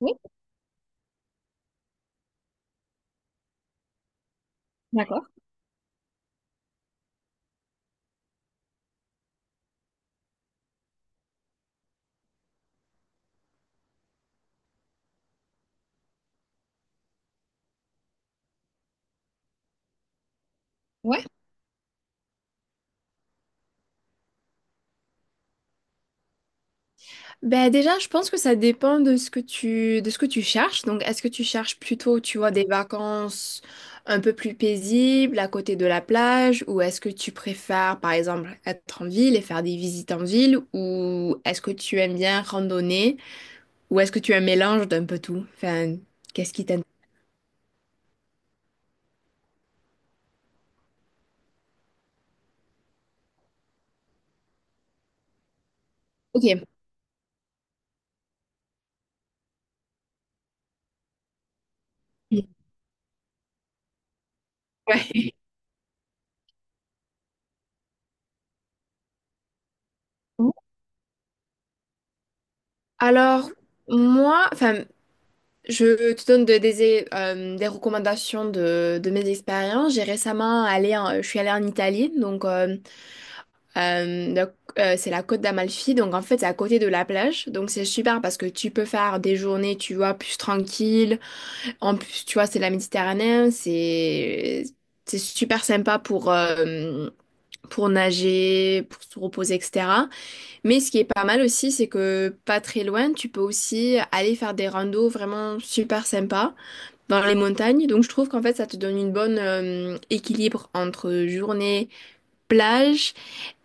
Oui, d'accord. Ouais. Ben déjà, je pense que ça dépend de ce que tu cherches. Donc, est-ce que tu cherches plutôt, tu vois, des vacances un peu plus paisibles à côté de la plage, ou est-ce que tu préfères, par exemple, être en ville et faire des visites en ville, ou est-ce que tu aimes bien randonner, ou est-ce que tu as un mélange d'un peu tout? Enfin, qu'est-ce qui t'intéresse? Ok. Ouais. Alors, moi, enfin. Je te donne des recommandations de mes expériences. J'ai récemment allé en- Je suis allée en Italie, donc euh, la- c'est la côte d'Amalfi, donc en fait c'est à côté de la plage, donc c'est super parce que tu peux faire des journées, tu vois, plus tranquille. En plus, tu vois, c'est la Méditerranée, c'est super sympa pour nager, pour se reposer, etc. Mais ce qui est pas mal aussi, c'est que pas très loin, tu peux aussi aller faire des randos vraiment super sympas dans les montagnes. Donc je trouve qu'en fait ça te donne une bonne équilibre entre journée plage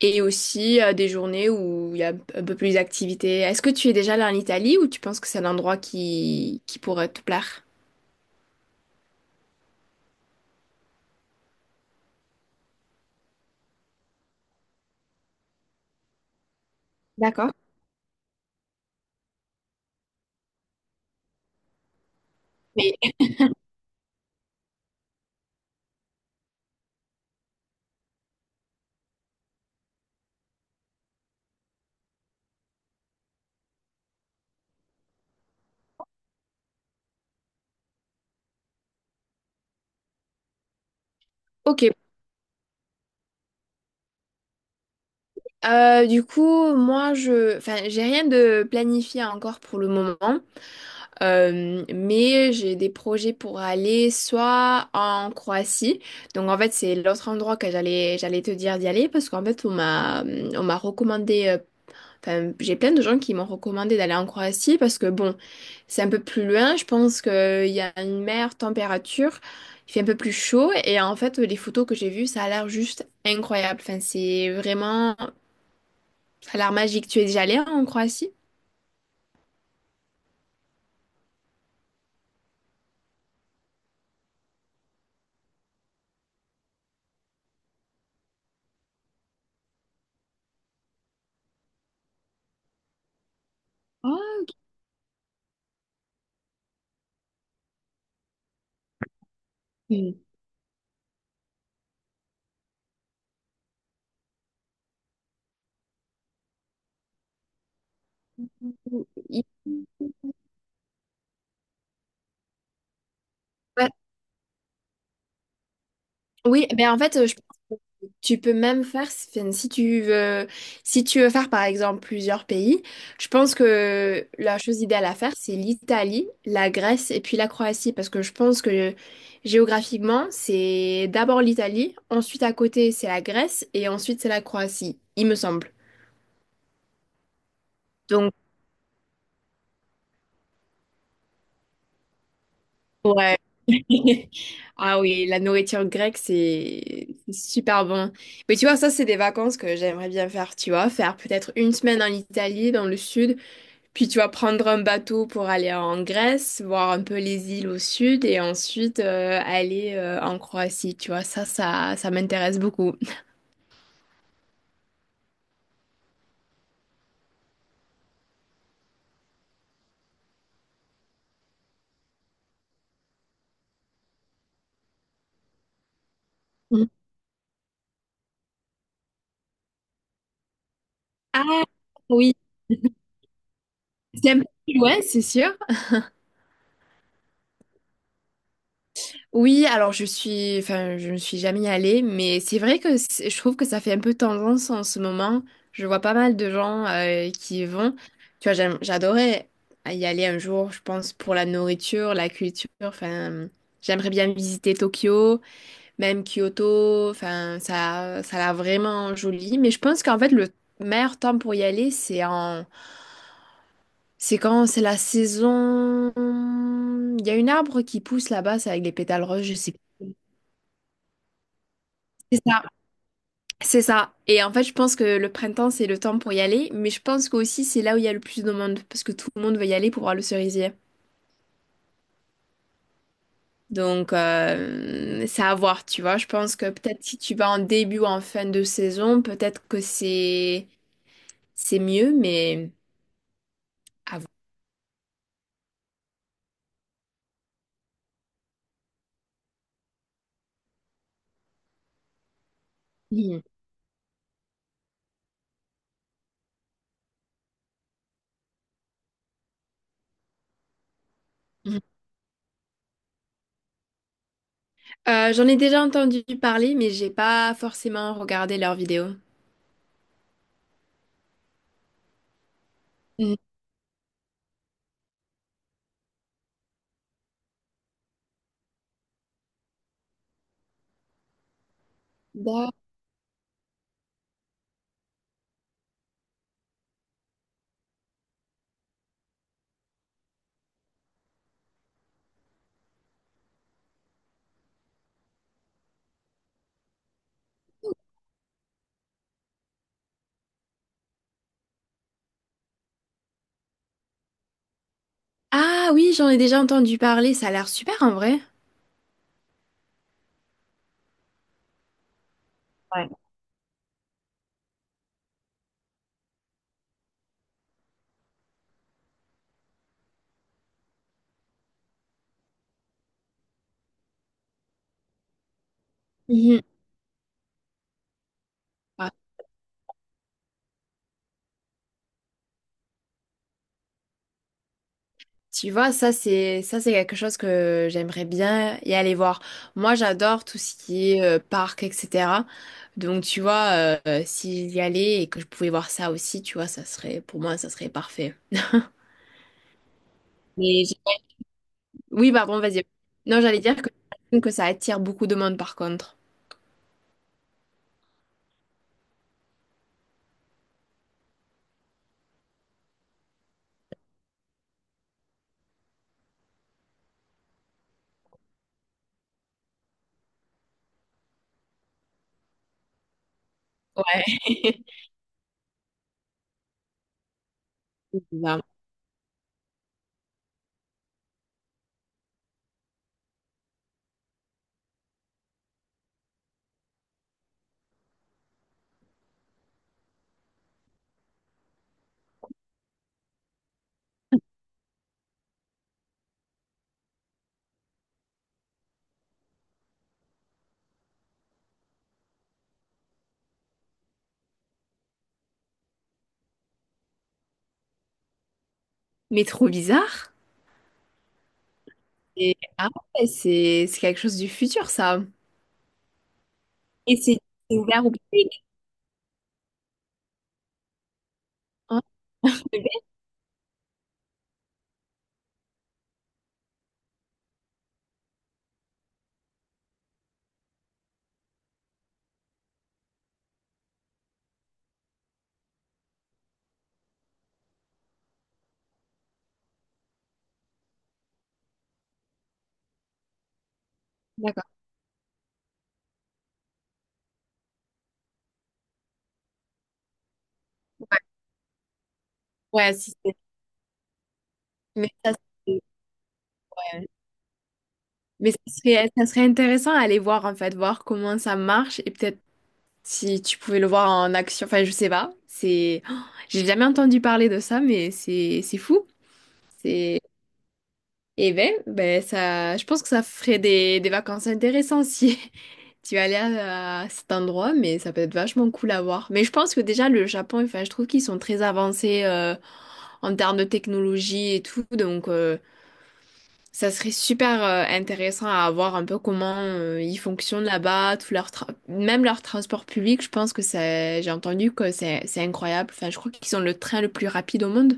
et aussi des journées où il y a un peu plus d'activités. Est-ce que tu es déjà allé en Italie ou tu penses que c'est un endroit qui pourrait te plaire? D'accord. Mais ok. Du coup, j'ai rien de planifié encore pour le moment. Mais j'ai des projets pour aller soit en Croatie. Donc en fait, c'est l'autre endroit que j'allais te dire d'y aller parce qu'en fait, on m'a recommandé enfin, j'ai plein de gens qui m'ont recommandé d'aller en Croatie parce que bon, c'est un peu plus loin, je pense qu'il y a une meilleure température, il fait un peu plus chaud et en fait, les photos que j'ai vues, ça a l'air juste incroyable. Enfin, c'est vraiment ça a l'air magique. Tu es déjà allé en Croatie? Ah, ok. Ouais. Oui, ben en fait, je... Tu peux même faire, si tu veux, si tu veux faire par exemple plusieurs pays, je pense que la chose idéale à faire, c'est l'Italie, la Grèce et puis la Croatie, parce que je pense que géographiquement, c'est d'abord l'Italie, ensuite à côté, c'est la Grèce et ensuite c'est la Croatie, il me semble. Donc, ouais. Ah oui, la nourriture grecque, c'est super bon. Mais tu vois, ça, c'est des vacances que j'aimerais bien faire, tu vois, faire peut-être une semaine en Italie, dans le sud. Puis tu vas prendre un bateau pour aller en Grèce, voir un peu les îles au sud et ensuite aller en Croatie. Tu vois, ça m'intéresse beaucoup. Mhm. Ah oui, c'est un peu plus loin, c'est sûr. Oui, alors je ne suis jamais allée, mais c'est vrai que je trouve que ça fait un peu tendance en ce moment. Je vois pas mal de gens qui y vont. Tu vois, j'adorais y aller un jour, je pense, pour la nourriture, la culture. Enfin, j'aimerais bien visiter Tokyo. Même Kyoto, enfin, ça l'a vraiment joli. Mais je pense qu'en fait, le meilleur temps pour y aller, c'est quand c'est la saison. Il y a une arbre qui pousse là-bas, c'est avec les pétales roses, je sais plus. C'est ça. C'est ça. Et en fait, je pense que le printemps, c'est le temps pour y aller. Mais je pense qu'aussi, c'est là où il y a le plus de monde, parce que tout le monde veut y aller pour voir le cerisier. Donc, c'est à voir, tu vois. Je pense que peut-être si tu vas en début ou en fin de saison, peut-être que c'est mieux, mais. À voir. Mhm. Mhm. J'en ai déjà entendu parler, mais j'ai pas forcément regardé leurs vidéos. Mm. D'ac-. Ah oui, j'en ai déjà entendu parler, ça a l'air super en vrai. Ouais. Mhm. Ah, tu vois, ça c'est quelque chose que j'aimerais bien y aller voir. Moi, j'adore tout ce qui est parc, etc. Donc, tu vois, si j'y allais et que je pouvais voir ça aussi, tu vois, ça serait parfait. Mais j'ai-. Oui, bah bon, vas-y. Non, j'allais dire que ça attire beaucoup de monde par contre. Ouais. Bizarre. Mais trop bizarre. Et ah ouais, c'est quelque chose du futur, ça. Et c'est ouvert au public. Hein, sur le web. D'accord. Ouais. Ouais, si c'est- mais ça, c'est- ouais. Mais ça serait intéressant à aller voir, en fait, voir comment ça marche et peut-être si tu pouvais le voir en action. Enfin, je sais pas. C'est, oh, j'ai jamais entendu parler de ça, mais c'est fou. C'est, et ben, ça, je pense que ça ferait des vacances intéressantes si. Tu vas aller à cet endroit, mais ça peut être vachement cool à voir. Mais je pense que déjà, le Japon, enfin, je trouve qu'ils sont très avancés en termes de technologie et tout. Donc, ça serait super intéressant à voir un peu comment ils fonctionnent là-bas, tout leur tra- même leur transport public. Je pense que c'est, j'ai entendu que c'est incroyable. Enfin, je crois qu'ils ont le train le plus rapide au monde.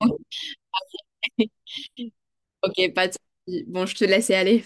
Ok, pas de souci. Bon, je te laisse y aller.